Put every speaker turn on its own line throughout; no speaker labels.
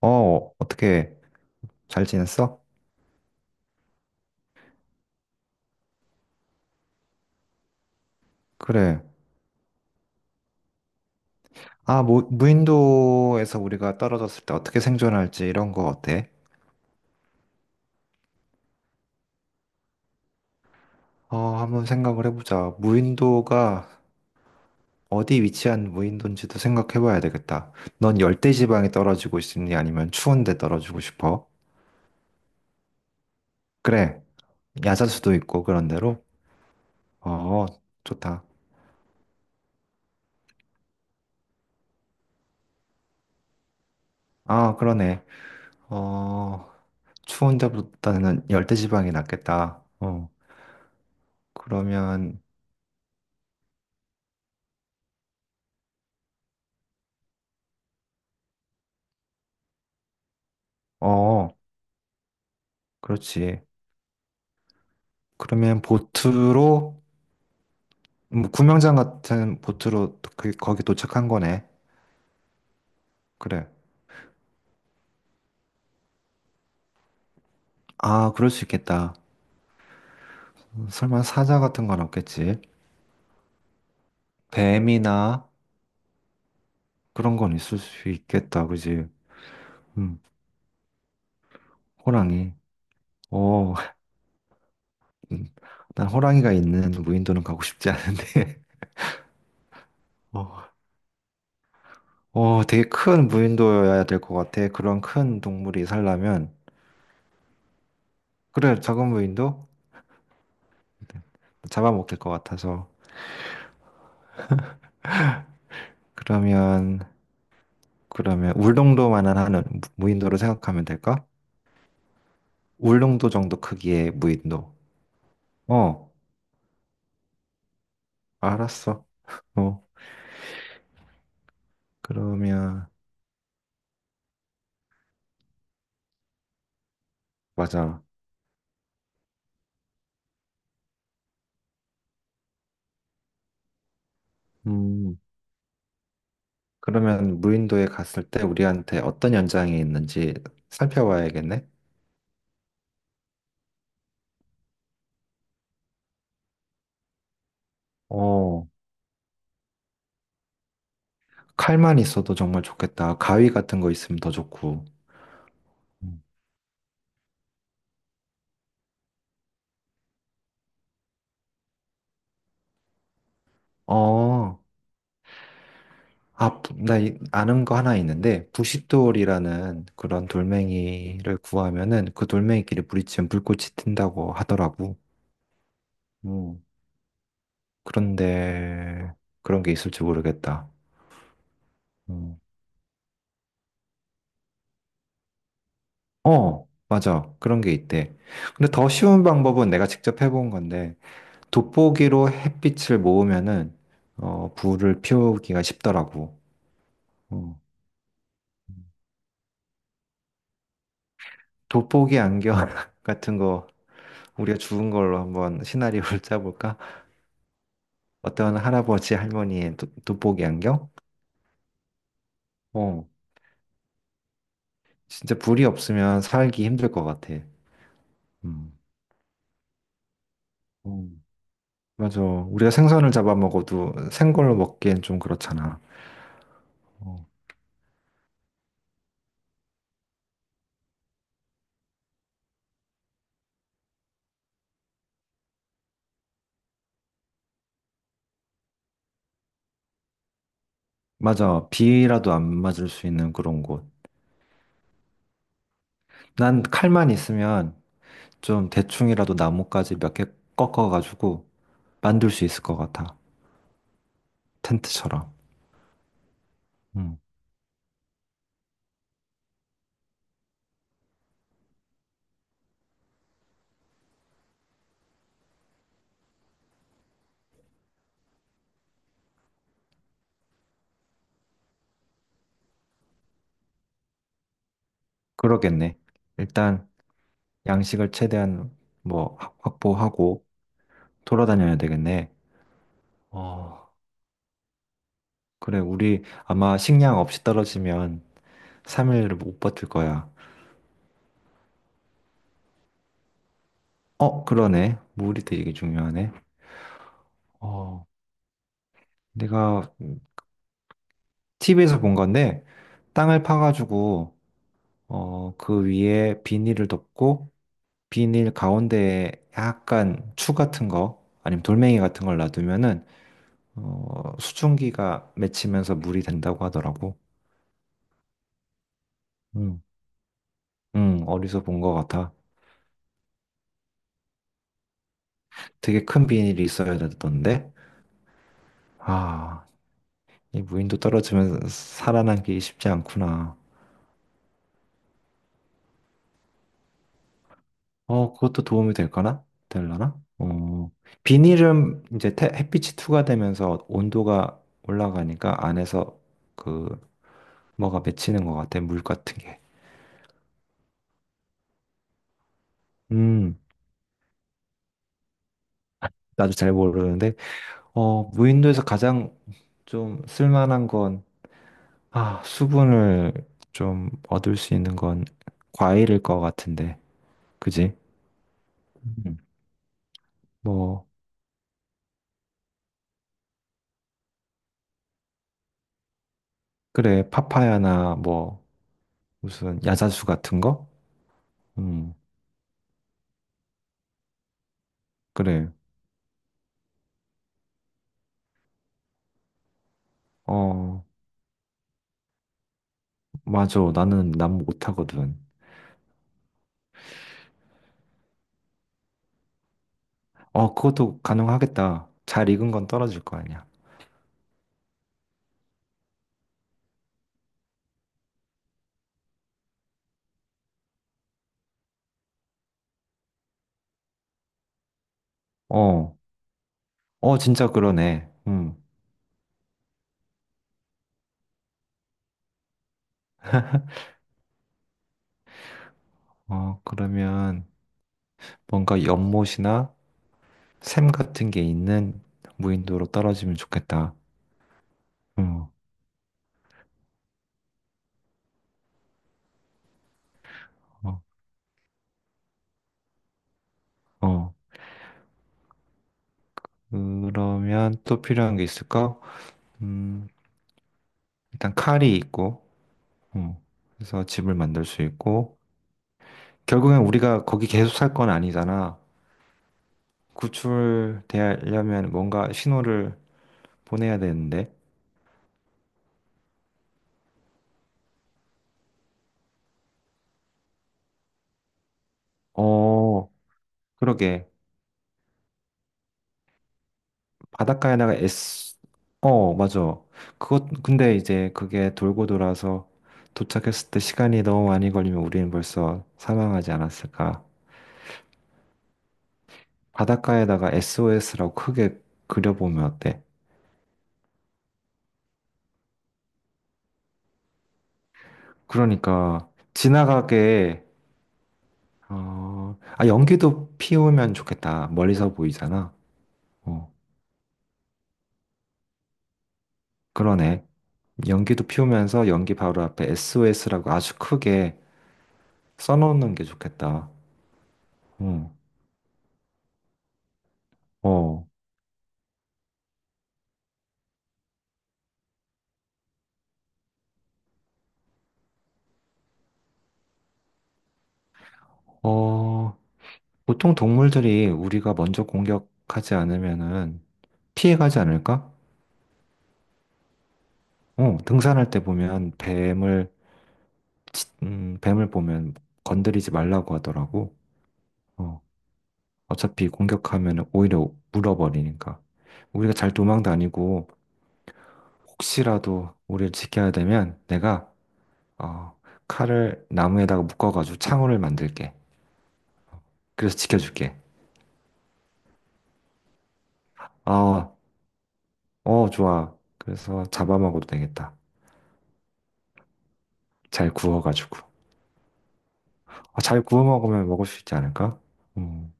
어, 어떻게 잘 지냈어? 그래. 아, 무인도에서 우리가 떨어졌을 때 어떻게 생존할지 이런 거 어때? 어, 한번 생각을 해보자. 무인도가 어디 위치한 무인도인지도 생각해봐야 되겠다. 넌 열대지방에 떨어지고 싶니? 아니면 추운 데 떨어지고 싶어? 그래. 야자수도 있고 그런 데로? 어, 좋다. 아, 그러네. 어, 추운 데보다는 열대지방이 낫겠다. 어, 그러면. 어, 그렇지. 그러면 보트로 구명장 같은 보트로 그, 거기 도착한 거네. 그래. 아, 그럴 수 있겠다. 설마 사자 같은 건 없겠지? 뱀이나 그런 건 있을 수 있겠다. 그지? 음, 호랑이. 어, 음, 난 호랑이가 있는 무인도는 가고 싶지 않은데. 어, 어, 되게 큰 무인도여야 될 것 같아. 그런 큰 동물이 살려면. 그래, 작은 무인도? 잡아먹힐 것 같아서. 그러면 그러면 울릉도만은 하는 무인도로 생각하면 될까? 울릉도 정도 크기의 무인도. 어, 알았어. 어, 그러면. 맞아. 음, 그러면 무인도에 갔을 때 우리한테 어떤 연장이 있는지 살펴봐야겠네. 어, 칼만 있어도 정말 좋겠다. 가위 같은 거 있으면 더 좋고. 음. 어, 아, 아는 거 하나 있는데 부싯돌이라는 그런 돌멩이를 구하면은 그 돌멩이끼리 부딪히면 불꽃이 튄다고 하더라고. 음, 그런데 그런 게 있을지 모르겠다. 음. 어, 맞아. 그런 게 있대. 근데 더 쉬운 방법은 내가 직접 해본 건데, 돋보기로 햇빛을 모으면은, 어, 불을 피우기가 쉽더라고. 어. 돋보기 안경 같은 거, 우리가 주운 걸로 한번 시나리오를 짜볼까? 어떤 할아버지, 할머니의 돋보기 안경? 어, 진짜 불이 없으면 살기 힘들 것 같아. 음. 음. 맞아. 우리가 생선을 잡아먹어도 생걸로 먹기엔 좀 그렇잖아. 어. 맞아. 비라도 안 맞을 수 있는 그런 곳. 난 칼만 있으면 좀 대충이라도 나뭇가지 몇 개 꺾어가지고 만들 수 있을 것 같아. 텐트처럼. 음. 그러겠네. 일단 양식을 최대한 뭐 확보하고 돌아다녀야 되겠네. 어. 그래. 우리 아마 식량 없이 떨어지면 3일을 못 버틸 거야. 어, 그러네. 물이 되게 중요하네. 어. 내가 TV에서 본 건데 땅을 파가지고 어, 그 위에 비닐을 덮고 비닐 가운데에 약간 추 같은 거 아니면 돌멩이 같은 걸 놔두면은 어, 수증기가 맺히면서 물이 된다고 하더라고. 응, 응, 어디서 본 것 같아. 되게 큰 비닐이 있어야 되던데. 아, 이 무인도 떨어지면 살아남기 쉽지 않구나. 어, 그것도 도움이 될까나? 될라나? 어, 비닐은 이제 햇빛이 투과되면서 온도가 올라가니까 안에서 그 뭐가 맺히는 것 같아, 물 같은 게. 음, 나도 잘 모르는데, 어, 무인도에서 가장 좀 쓸만한 건, 아, 수분을 좀 얻을 수 있는 건 과일일 것 같은데, 그지? 음, 뭐, 그래, 파파야나 뭐, 무슨 야자수 같은 거? 음, 그래. 어, 맞아. 나는 난 못하거든. 어, 그것도 가능하겠다. 잘 익은 건 떨어질 거 아니야. 어, 어, 진짜 그러네. 음. 어, 그러면 뭔가 연못이나 샘 같은 게 있는 무인도로 떨어지면 좋겠다. 음, 어, 어. 그러면 또 필요한 게 있을까? 음, 일단 칼이 있고, 음, 그래서 집을 만들 수 있고, 결국엔 우리가 거기 계속 살 건 아니잖아. 구출되려면 뭔가 신호를 보내야 되는데. 어, 그러게. 바닷가에다가 S. 어, 맞아. 그것, 근데 이제 그게 돌고 돌아서 도착했을 때 시간이 너무 많이 걸리면 우리는 벌써 사망하지 않았을까. 바닷가에다가 SOS라고 크게 그려보면 어때? 그러니까, 지나가게, 어, 아, 연기도 피우면 좋겠다. 멀리서 보이잖아. 어, 그러네. 연기도 피우면서 연기 바로 앞에 SOS라고 아주 크게 써놓는 게 좋겠다. 응. 어, 어, 보통 동물들이 우리가 먼저 공격하지 않으면은 피해가지 않을까? 어, 등산할 때 보면 뱀을, 뱀을 보면 건드리지 말라고 하더라고. 어, 어차피 공격하면 오히려 물어버리니까. 우리가 잘 도망 다니고 혹시라도 우리를 지켜야 되면 내가, 어, 칼을 나무에다가 묶어가지고 창호를 만들게. 그래서 지켜줄게. 아, 어, 좋아. 그래서 잡아 먹어도 되겠다. 잘 구워가지고. 아, 잘 구워 먹으면 먹을 수 있지 않을까? 음.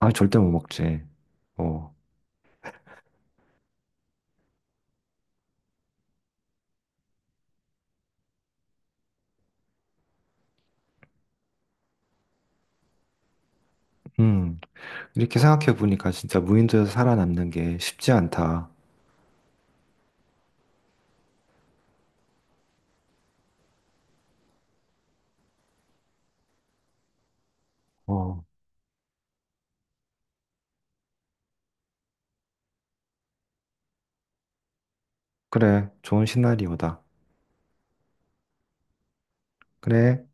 아, 절대 못 먹지. 어. 음. 이렇게 생각해 보니까 진짜 무인도에서 살아남는 게 쉽지 않다. 어. 그래. 좋은 시나리오다. 그래.